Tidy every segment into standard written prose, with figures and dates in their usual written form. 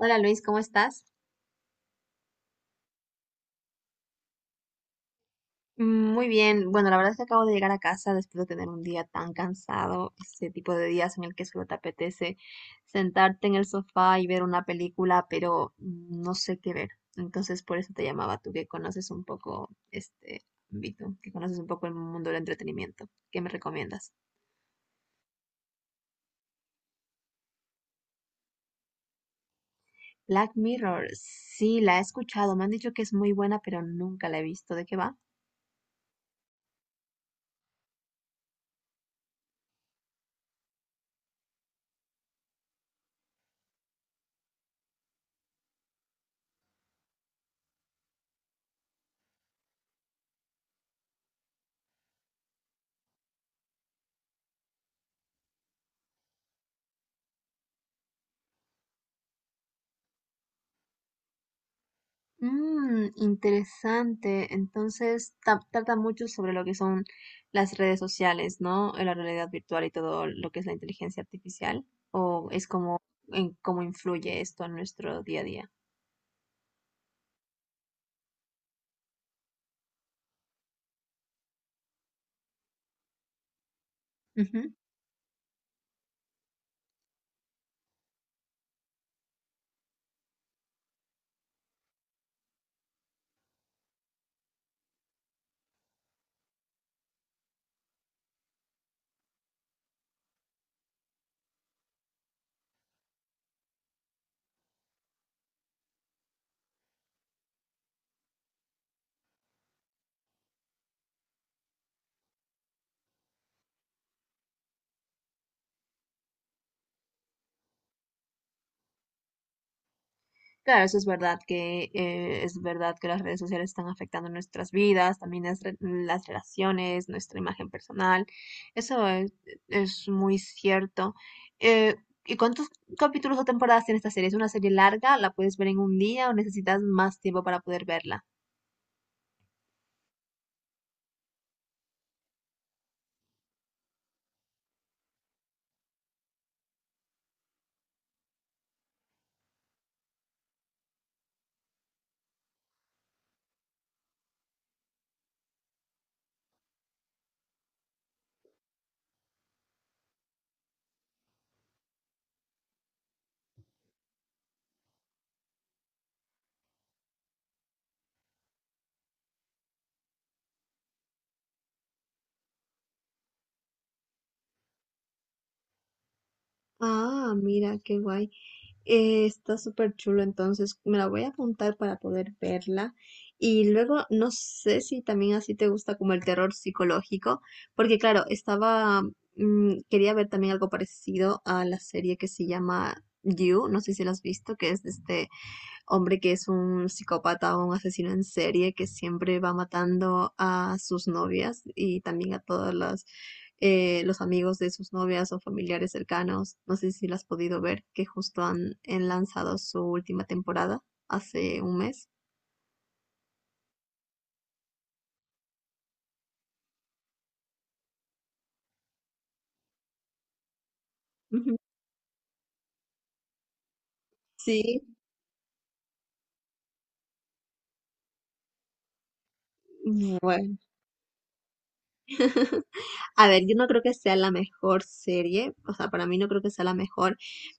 Hola Luis, ¿cómo estás? Muy bien. Bueno, la verdad es que acabo de llegar a casa después de tener un día tan cansado, ese tipo de días en el que solo te apetece sentarte en el sofá y ver una película, pero no sé qué ver. Entonces, por eso te llamaba, tú que conoces un poco este ámbito, que conoces un poco el mundo del entretenimiento. ¿Qué me recomiendas? Black Mirror, sí, la he escuchado. Me han dicho que es muy buena, pero nunca la he visto. ¿De qué va? Mm, interesante. Entonces, trata mucho sobre lo que son las redes sociales, ¿no? La realidad virtual y todo lo que es la inteligencia artificial, o es como en cómo influye esto en nuestro día a día. Claro, eso es verdad que las redes sociales están afectando nuestras vidas, también las relaciones, nuestra imagen personal. Eso es muy cierto. Eh, ¿Y cuántos capítulos o temporadas tiene esta serie? ¿Es una serie larga? ¿La puedes ver en un día o necesitas más tiempo para poder verla? Ah, mira, qué guay. Está súper chulo, entonces me la voy a apuntar para poder verla. Y luego no sé si también así te gusta como el terror psicológico, porque claro, quería ver también algo parecido a la serie que se llama You, no sé si la has visto, que es de este hombre que es un psicópata o un asesino en serie que siempre va matando a sus novias y también a todos los amigos de sus novias o familiares cercanos. No sé si lo has podido ver, que justo han lanzado su última temporada hace un mes. Ujú. Sí, bueno. A ver, yo no creo que sea la mejor serie, o sea, para mí no creo que sea la mejor,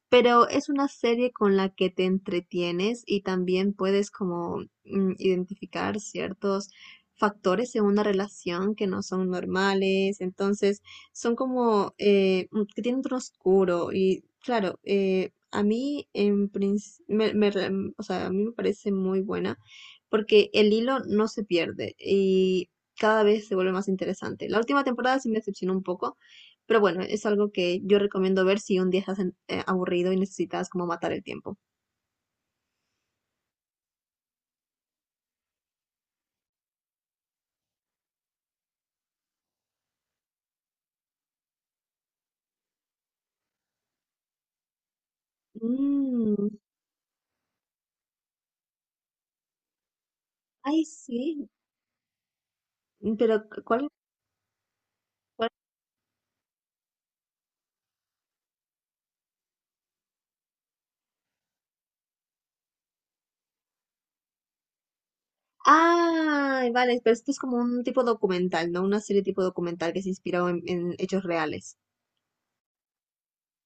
pero es una serie con la que te entretienes y también puedes como identificar ciertos factores en una relación que no son normales, entonces son como que tienen un tono oscuro y claro, a mí en princ- me re- o sea, a mí me parece muy buena porque el hilo no se pierde y cada vez se vuelve más interesante. La última temporada sí me decepcionó un poco, pero bueno, es algo que yo recomiendo ver si un día estás aburrido y necesitas como matar el tiempo. Mm, ay, sí, pero ¿cuál? Ah, vale, pero esto es como un tipo documental, ¿no? Una serie tipo documental que se inspiró en hechos reales.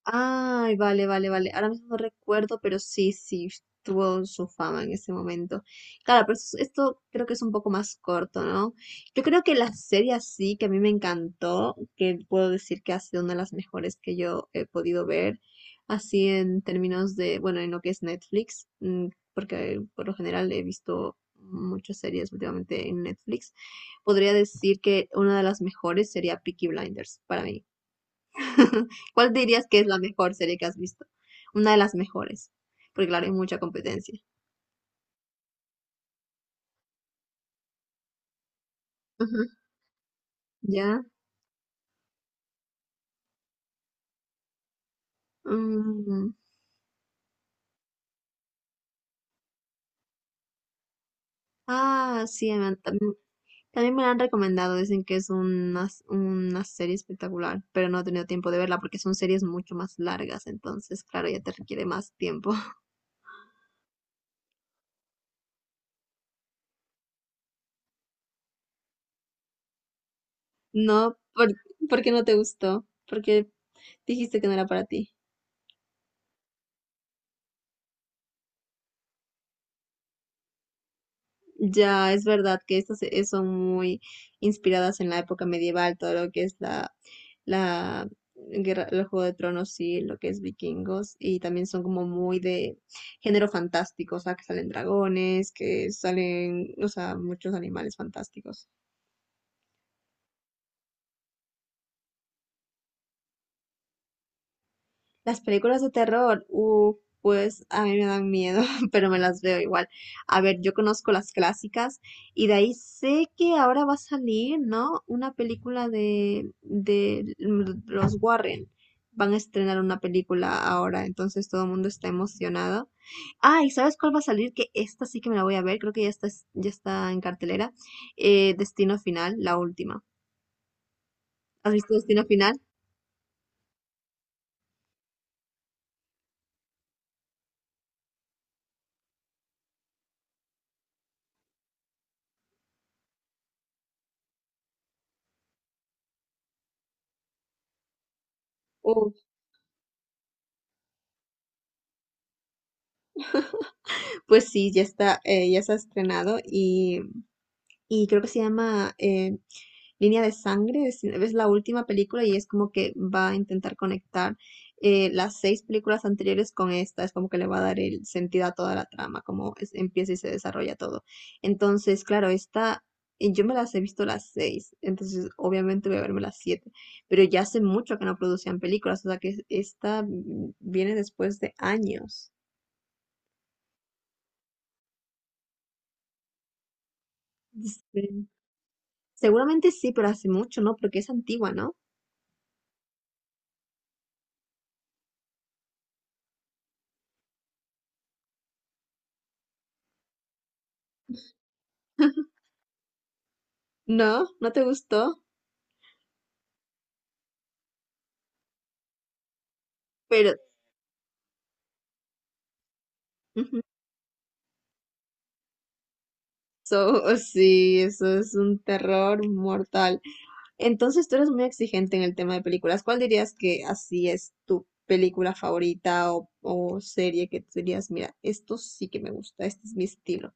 Ay, vale, vale, vale. Ahora mismo no recuerdo, pero sí, sí, tuvo su fama en ese momento. Claro, pero esto creo que es un poco más corto, ¿no? Yo creo que la serie así, que a mí me encantó, que puedo decir que ha sido una de las mejores que yo he podido ver, así en términos de, bueno, en lo que es Netflix, porque por lo general he visto muchas series últimamente en Netflix, podría decir que una de las mejores sería Peaky Blinders para mí. ¿Cuál dirías que es la mejor serie que has visto? Una de las mejores, porque claro, hay mucha competencia. Ujú. Ya. Mm. Ah, sí, también, también me la han recomendado. Dicen que es una, una serie espectacular, pero no he tenido tiempo de verla porque son series mucho más largas, entonces, claro, ya te requiere más tiempo. No, ¿por qué no te gustó? Porque dijiste que no era para ti. Ya es verdad que estas son muy inspiradas en la época medieval, todo lo que es la guerra, el Juego de Tronos y lo que es vikingos, y también son como muy de género fantástico, o sea, que salen dragones, que salen, o sea, muchos animales fantásticos. Las películas de terror, pues a mí me dan miedo, pero me las veo igual. A ver, yo conozco las clásicas y de ahí sé que ahora va a salir, ¿no? Una película de los Warren. Van a estrenar una película ahora, entonces todo el mundo está emocionado. Ah, ¿y sabes cuál va a salir? Que esta sí que me la voy a ver, creo que ya está en cartelera. Destino Final, la última. ¿Has visto Destino Final? Uh, pues sí, ya está, ya se ha estrenado y creo que se llama Línea de Sangre, es la última película y es como que va a intentar conectar las 6 películas anteriores con esta, es como que le va a dar el sentido a toda la trama, como empieza y se desarrolla todo. Entonces, claro, esta, y yo me las he visto las 6, entonces obviamente voy a verme las 7, pero ya hace mucho que no producían películas, o sea que esta viene después de años. Sí. Seguramente sí, pero hace mucho, ¿no? Porque es antigua, ¿no? No, ¿no te gustó? Pero ujú, eso sí, eso es un terror mortal. Entonces tú eres muy exigente en el tema de películas. ¿Cuál dirías que así es tu película favorita o serie que tú dirías, mira, esto sí que me gusta, este es mi estilo?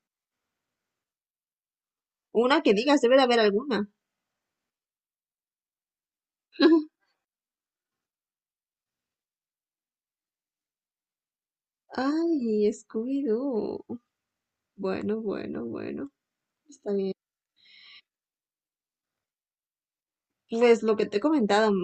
Una que digas, debe de haber alguna. Ay, Scooby-Doo. Bueno, bueno, bueno. Está bien. Pues lo que te he comentado,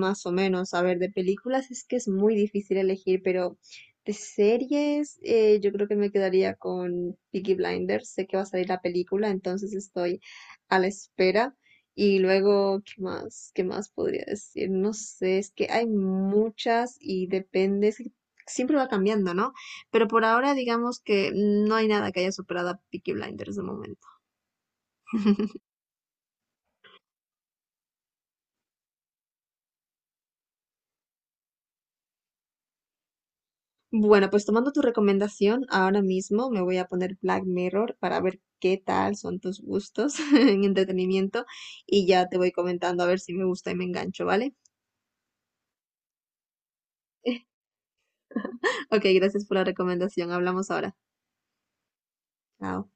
más o menos, a ver, de películas es que es muy difícil elegir, pero de series yo creo que me quedaría con Peaky Blinders, sé que va a salir la película, entonces estoy a la espera. Y luego, ¿qué más? ¿Qué más podría decir? No sé, es que hay muchas y depende, es que siempre va cambiando, ¿no? Pero por ahora digamos que no hay nada que haya superado a Peaky Blinders de momento. Bueno, pues tomando tu recomendación, ahora mismo me voy a poner Black Mirror para ver qué tal son tus gustos en entretenimiento y ya te voy comentando a ver si me gusta y me engancho, ¿vale? Ok, gracias por la recomendación. Hablamos ahora. Chao.